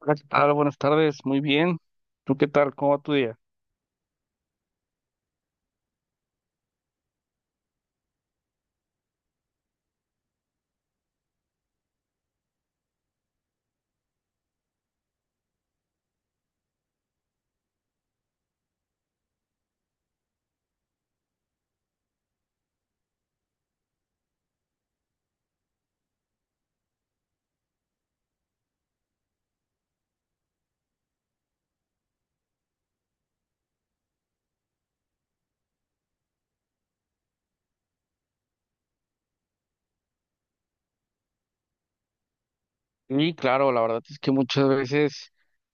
Hola, ¿qué tal? Buenas tardes, muy bien. ¿Tú qué tal? ¿Cómo va tu día? Sí, claro, la verdad es que muchas veces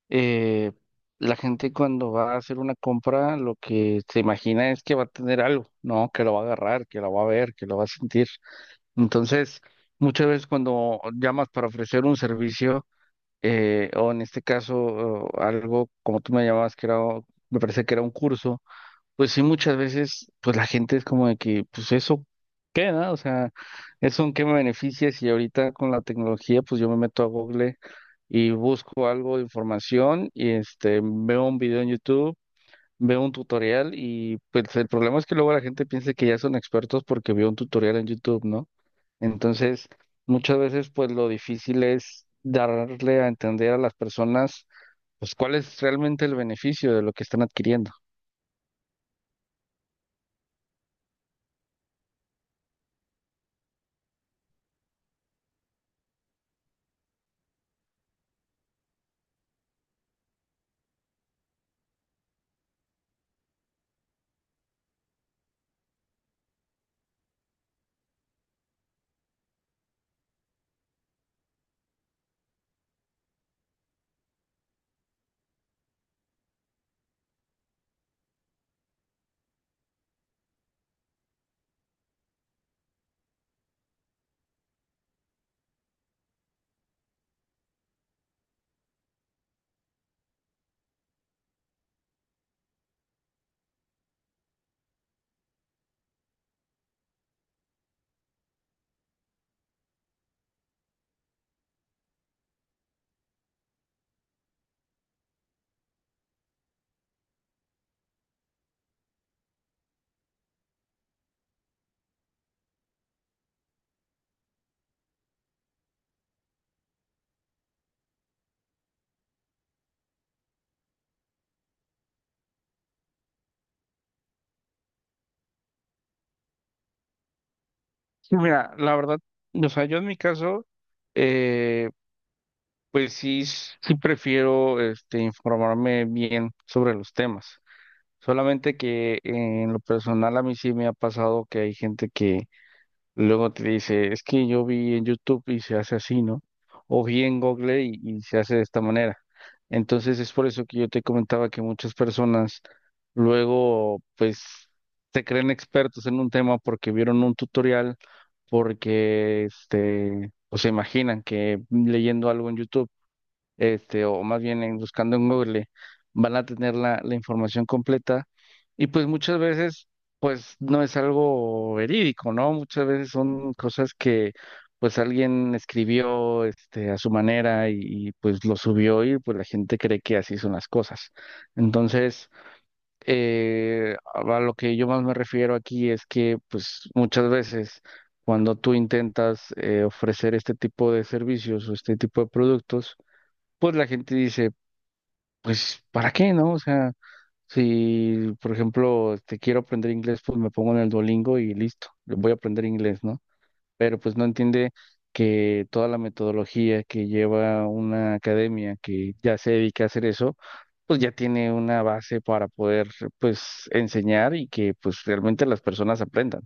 eh, la gente cuando va a hacer una compra lo que se imagina es que va a tener algo, ¿no? Que lo va a agarrar, que lo va a ver, que lo va a sentir. Entonces, muchas veces cuando llamas para ofrecer un servicio, o en este caso o algo como tú me llamabas, que era, me parece que era un curso. Pues sí, muchas veces, pues la gente es como de que, pues eso, ¿qué, no? O sea, ¿eso en qué me beneficia si ahorita con la tecnología, pues yo me meto a Google y busco algo de información y este, veo un video en YouTube, veo un tutorial? Y pues el problema es que luego la gente piensa que ya son expertos porque vio un tutorial en YouTube, ¿no? Entonces, muchas veces, pues lo difícil es darle a entender a las personas, pues cuál es realmente el beneficio de lo que están adquiriendo. Sí, mira, la verdad, o sea, yo en mi caso, eh, pues sí, sí prefiero este, informarme bien sobre los temas. Solamente que en lo personal a mí sí me ha pasado que hay gente que luego te dice, es que yo vi en YouTube y se hace así, ¿no? O vi en Google y se hace de esta manera. Entonces es por eso que yo te comentaba que muchas personas luego, pues, se creen expertos en un tema porque vieron un tutorial, porque, este, o se imaginan que leyendo algo en YouTube este, o más bien en buscando en Google, van a tener la información completa. Y pues muchas veces, pues no es algo verídico, ¿no? Muchas veces son cosas que pues alguien escribió este, a su manera y, pues lo subió y pues la gente cree que así son las cosas. Entonces, a lo que yo más me refiero aquí es que pues muchas veces cuando tú intentas ofrecer este tipo de servicios o este tipo de productos, pues la gente dice, pues, ¿para qué, no? O sea, si, por ejemplo, te quiero aprender inglés, pues me pongo en el Duolingo y listo, voy a aprender inglés, ¿no? Pero pues no entiende que toda la metodología que lleva una academia que ya se dedica a hacer eso, pues ya tiene una base para poder, pues, enseñar y que, pues, realmente las personas aprendan.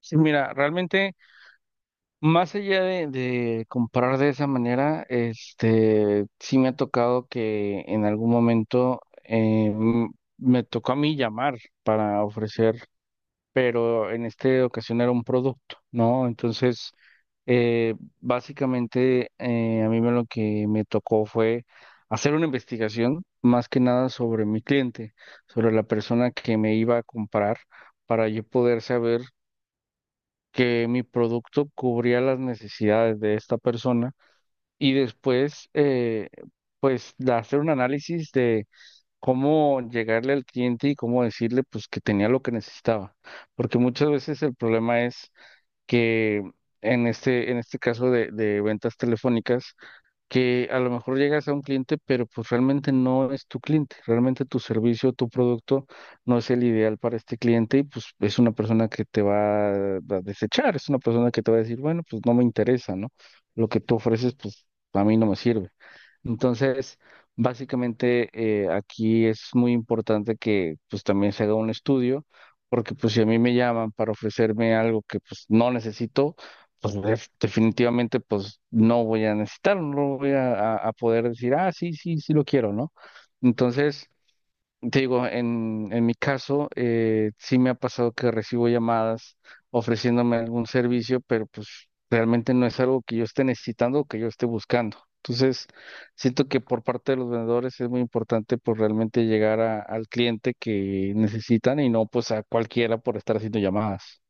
Sí, mira, realmente... Más allá de comprar de esa manera, este, sí me ha tocado que en algún momento me tocó a mí llamar para ofrecer, pero en esta ocasión era un producto, ¿no? Entonces, eh, básicamente a mí me lo que me tocó fue hacer una investigación más que nada sobre mi cliente, sobre la persona que me iba a comprar, para yo poder saber que mi producto cubría las necesidades de esta persona y después, pues, de hacer un análisis de cómo llegarle al cliente y cómo decirle, pues, que tenía lo que necesitaba. Porque muchas veces el problema es que en este caso de ventas telefónicas, que a lo mejor llegas a un cliente, pero pues realmente no es tu cliente, realmente tu servicio, tu producto no es el ideal para este cliente y pues es una persona que te va a desechar, es una persona que te va a decir, bueno, pues no me interesa, ¿no? Lo que tú ofreces, pues a mí no me sirve. Entonces, básicamente aquí es muy importante que pues también se haga un estudio, porque pues si a mí me llaman para ofrecerme algo que pues no necesito, pues definitivamente pues no voy a necesitar, no voy a poder decir, ah, sí, sí, sí lo quiero, ¿no? Entonces, te digo, en mi caso, sí me ha pasado que recibo llamadas ofreciéndome algún servicio, pero pues realmente no es algo que yo esté necesitando o que yo esté buscando. Entonces, siento que por parte de los vendedores es muy importante pues realmente llegar al cliente que necesitan y no pues a cualquiera por estar haciendo llamadas.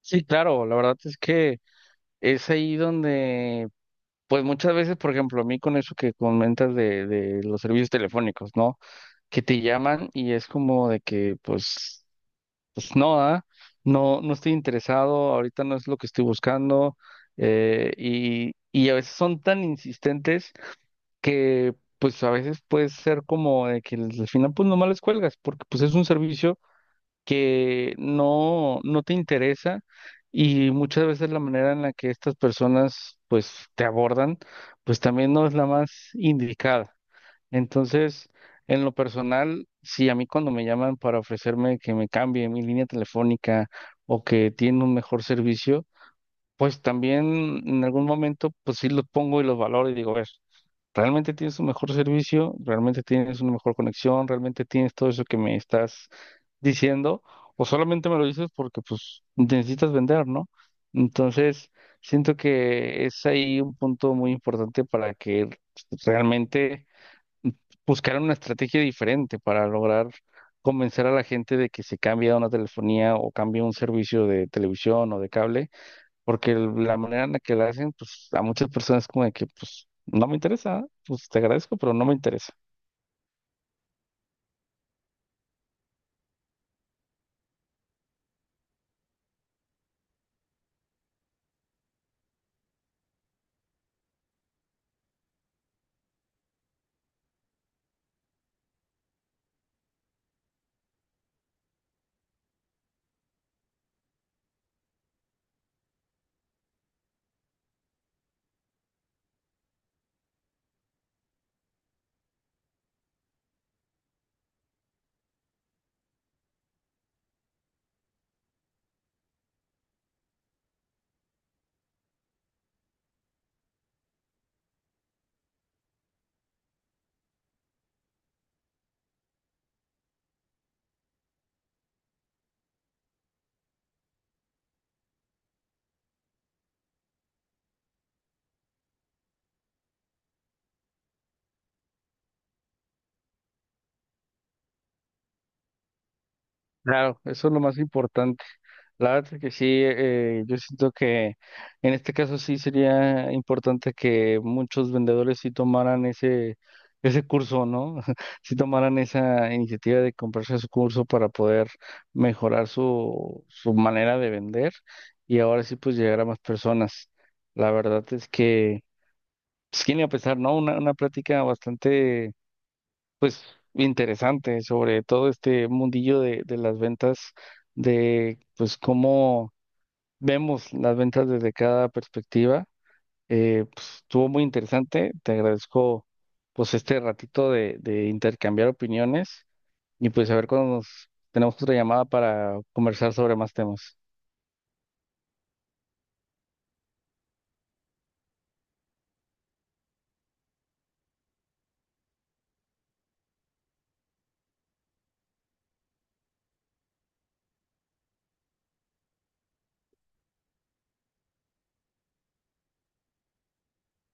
Sí, claro, la verdad es que es ahí donde, pues muchas veces, por ejemplo, a mí con eso que comentas de los servicios telefónicos, ¿no? Que te llaman y es como de que, pues, pues no, ah, no, no estoy interesado, ahorita no es lo que estoy buscando. Y a veces son tan insistentes que, pues, a veces puede ser como de que al final, pues, nomás les cuelgas, porque, pues, es un servicio que no, no te interesa y muchas veces la manera en la que estas personas, pues, te abordan, pues, también no es la más indicada. Entonces, en lo personal, sí, a mí cuando me llaman para ofrecerme que me cambie mi línea telefónica o que tiene un mejor servicio, pues también en algún momento, pues sí los pongo y los valoro y digo, a ver, realmente tienes un mejor servicio, realmente tienes una mejor conexión, realmente tienes todo eso que me estás diciendo, o solamente me lo dices porque pues necesitas vender, ¿no? Entonces, siento que es ahí un punto muy importante para que realmente buscaran una estrategia diferente para lograr convencer a la gente de que se cambie a una telefonía o cambie a un servicio de televisión o de cable, porque la manera en la que la hacen, pues a muchas personas como de que, pues no me interesa, pues te agradezco, pero no me interesa. Claro, eso es lo más importante. La verdad es que sí, yo siento que en este caso sí sería importante que muchos vendedores sí tomaran ese, ese curso, ¿no? Sí tomaran esa iniciativa de comprarse su curso para poder mejorar su, su manera de vender y ahora sí pues llegar a más personas. La verdad es que, pues, quién iba a pensar, ¿no? Una plática bastante interesante sobre todo este mundillo de las ventas, de pues cómo vemos las ventas desde cada perspectiva. Pues, estuvo muy interesante. Te agradezco pues este ratito de intercambiar opiniones y pues a ver cuando nos tenemos otra llamada para conversar sobre más temas.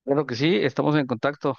Claro que sí, estamos en contacto.